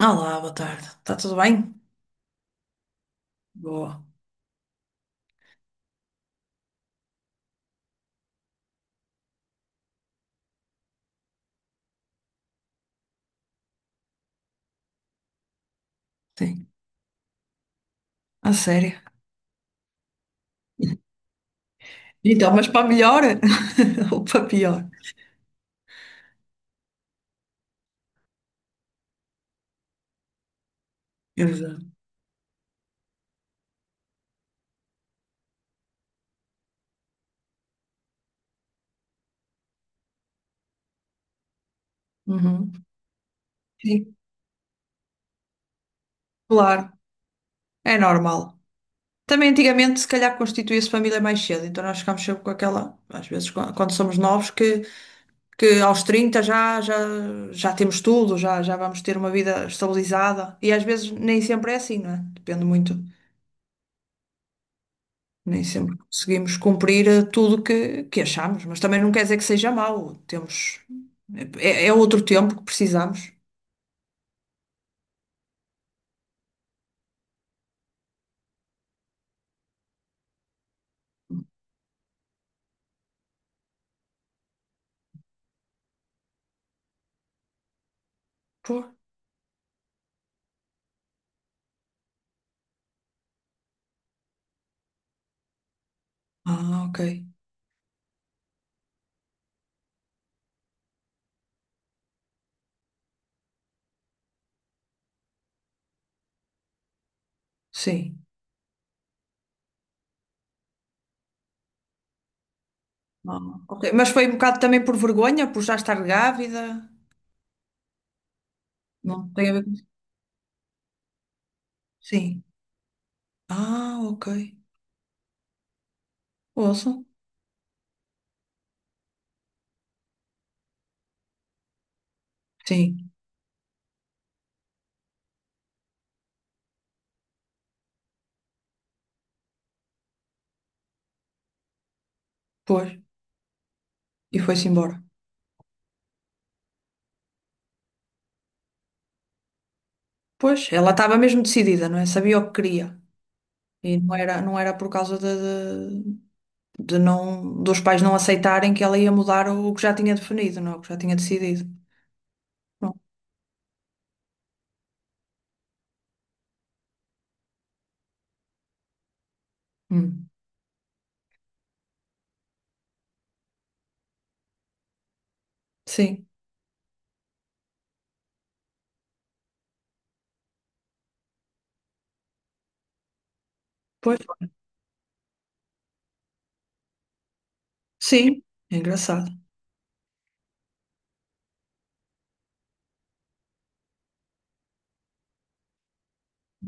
Olá, boa tarde. Está tudo bem? Boa. Sim. A sério. Então, mas para melhor ou para pior? Exato. Uhum. Sim, claro. É normal. Também antigamente, se calhar, constituía-se família mais cedo, então nós ficámos sempre com aquela, às vezes, quando somos novos, que aos 30 já temos tudo, já vamos ter uma vida estabilizada. E às vezes nem sempre é assim, não é? Depende muito. Nem sempre conseguimos cumprir tudo que achamos, mas também não quer dizer que seja mau. Temos, é outro tempo que precisamos. Pô. Ah, ok. Sim. Ah, ok. Mas foi um bocado também por vergonha, por já estar grávida. Não tem a ver com isso. Sim. Ah, ok. Ouço. Sim. Pois. E foi-se embora. Pois, ela estava mesmo decidida, não é? Sabia o que queria. E não era por causa de, de- de não, dos pais não aceitarem que ela ia mudar o, que já tinha definido, não, é? O que já tinha decidido. Bom, hum, sim, pois, sim, é engraçado.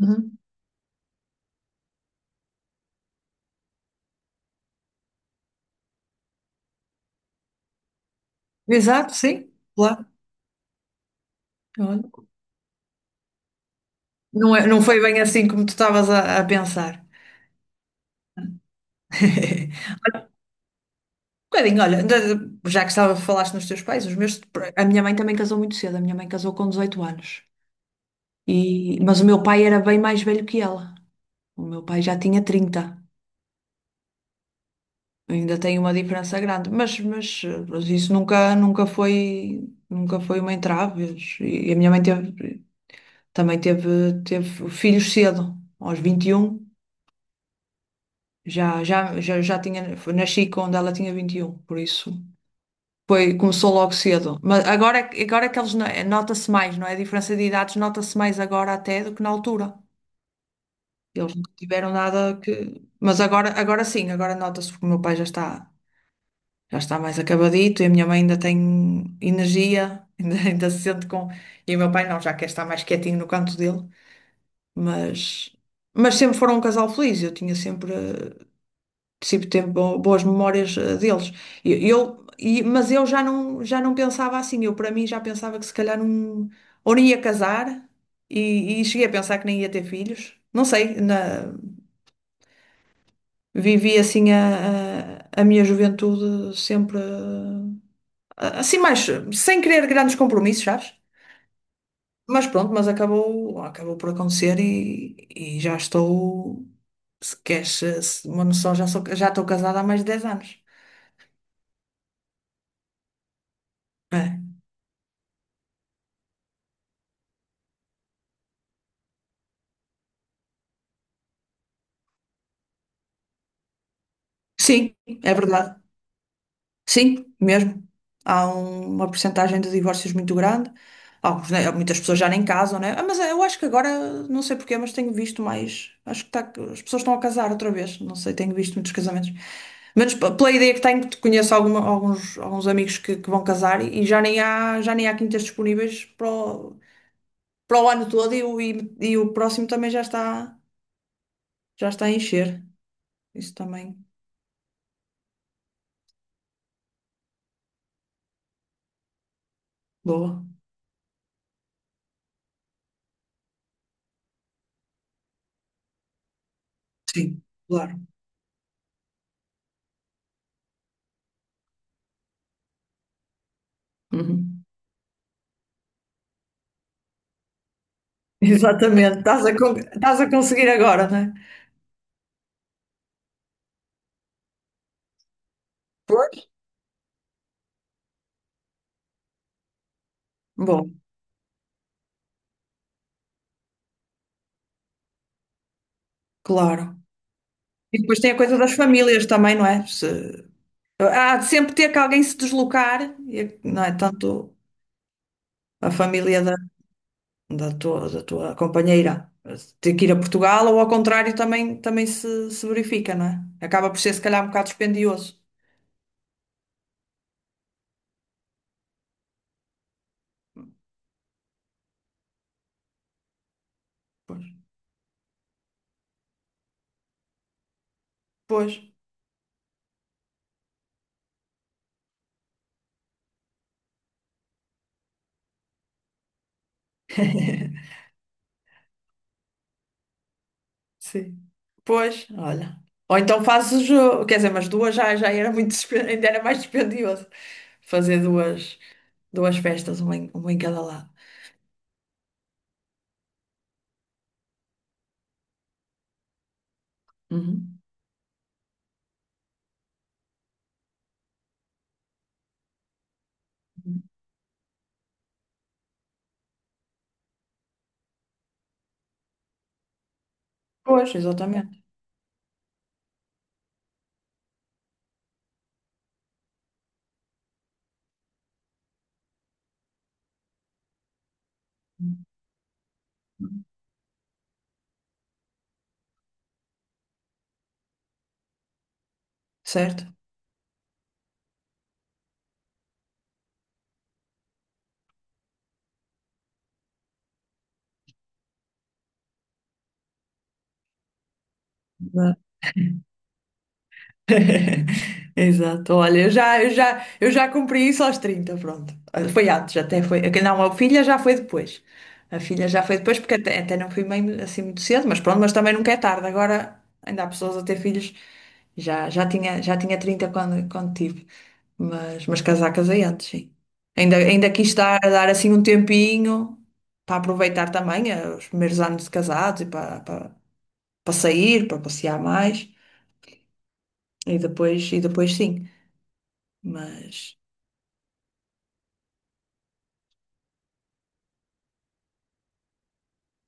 Uhum. Exato, sim, claro. Olha, não é, não foi bem assim como tu estavas a pensar. Um bocadinho, olha, já que estava, falaste nos teus pais, os meus, a minha mãe também casou muito cedo, a minha mãe casou com 18 anos. E, mas o meu pai era bem mais velho que ela. O meu pai já tinha 30. Ainda tem uma diferença grande, mas isso nunca foi, nunca foi uma entrave. E a minha mãe teve, também teve, teve filhos cedo, aos 21 já tinha, nasci quando ela tinha 21, por isso foi, começou logo cedo. Mas agora, agora é que eles, nota-se mais, não é? A diferença de idades nota-se mais agora até do que na altura. Eles não tiveram nada que. Mas agora, agora sim, agora nota-se porque o meu pai já está. Já está mais acabadito e a minha mãe ainda tem energia, ainda se sente com. E o meu pai não, já quer estar mais quietinho no canto dele, mas, mas sempre foram um casal feliz, eu tinha sempre, sempre teve boas memórias deles. E eu, e, mas eu já não pensava assim, eu para mim já pensava que se calhar não, ou nem ia casar e cheguei a pensar que nem ia ter filhos. Não sei, na, vivi assim a minha juventude sempre assim mais, sem querer grandes compromissos, sabes? Mas pronto, mas acabou, acabou por acontecer e já estou, se queres uma noção, já sou, já estou casada há mais de 10 anos. É. Sim, é verdade. Sim, mesmo. Há uma porcentagem de divórcios muito grande. Alguns, né, muitas pessoas já nem casam, né? Ah, mas eu acho que agora, não sei porquê, mas tenho visto mais. Acho que as pessoas estão a casar outra vez. Não sei, tenho visto muitos casamentos. Menos pela ideia que tenho, que conheço alguns amigos que vão casar e já nem há quintas disponíveis para o, para o ano todo e o, e o próximo também já está a encher. Isso também. Boa. Sim, claro. Uhum. Exatamente, estás estás a conseguir agora, não é? Pois. Bom, claro. E depois tem a coisa das famílias também, não é? Há de sempre ter que alguém se deslocar, não é? Tanto a família da, da tua companheira ter que ir a Portugal ou ao contrário também, também se verifica, não é? Acaba por ser se calhar um bocado dispendioso. Pois. Pois. Sim. Pois, olha. Ou então fazes o jogo. Quer dizer, mas duas já era muito, ainda era mais dispendioso fazer duas, duas festas, uma em cada lado. Uhum. Pois, exatamente. Certo. Exato, olha, eu já cumpri isso aos 30, pronto. Foi antes, até foi. Não, a filha já foi depois. A filha já foi depois, porque até não fui mãe assim muito cedo, mas pronto, mas também nunca é tarde. Agora ainda há pessoas a ter filhos, já tinha 30 quando tive, mas casar, casei antes, sim. Ainda quis estar a dar assim um tempinho para aproveitar também os primeiros anos de casados e para sair, para passear mais, e depois sim. Mas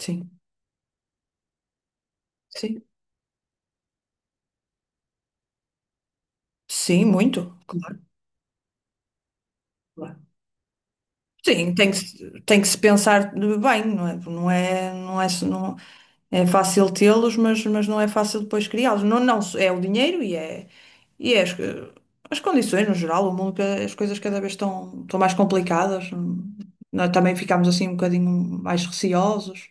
sim, sim, sim, muito, claro. Sim, tem que, tem que se pensar bem, não é? Não é fácil tê-los, mas não é fácil depois criá-los. Não, não, é o dinheiro e é as, as condições no geral, o mundo, as coisas cada vez estão, estão mais complicadas. Nós também ficamos assim um bocadinho mais receosos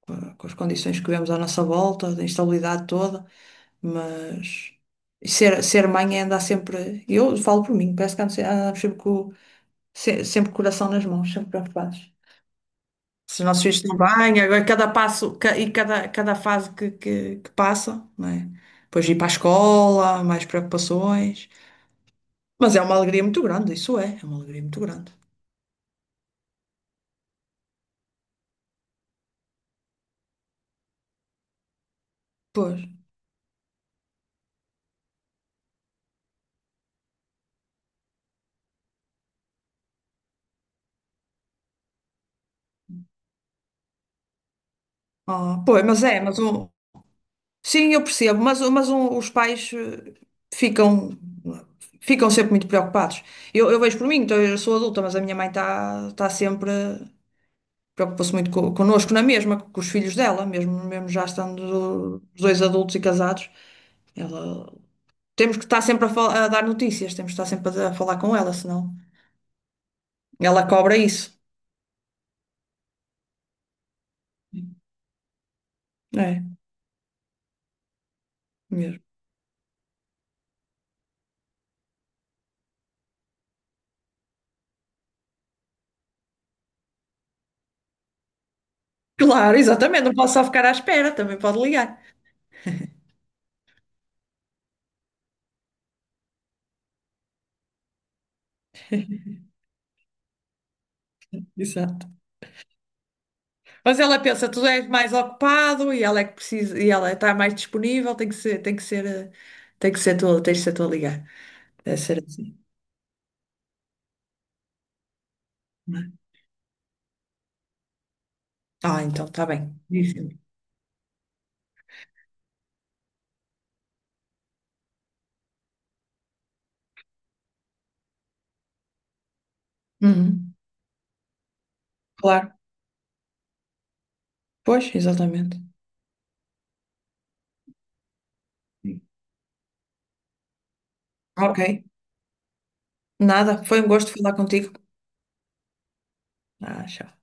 com, com as condições que vemos à nossa volta, da instabilidade toda. Mas e ser, ser mãe é andar sempre. Eu falo por mim, parece que ando andamos sempre com, sempre com o coração nas mãos, sempre preocupados. Se os nossos filhos estão bem, agora cada passo e cada, cada fase que, que passa, não é? Depois ir para a escola, mais preocupações. Mas é uma alegria muito grande, isso é, é uma alegria muito grande. Pois. Ah, pois, mas é, mas o, sim, eu percebo, mas os pais ficam, ficam sempre muito preocupados. Eu vejo por mim, então eu sou adulta, mas a minha mãe está tá sempre, preocupa-se muito connosco na mesma, com os filhos dela, mesmo, mesmo já estando os dois adultos e casados. Ela, temos que estar sempre a, a dar notícias, temos que estar sempre a falar com ela, senão ela cobra isso. É, mesmo. Claro, exatamente, não posso só ficar à espera, também pode ligar. Exato. Mas ela pensa, tu és mais ocupado e ela é que precisa, e ela está mais disponível, tem que ser, tem que ser tua, tens de ser tu a ligar. Deve ser assim. Não é? Ah, então está bem. Dizem. Uhum. Claro. Pois, exatamente. Sim. Ok. Nada. Foi um gosto falar contigo. Ah, tchau.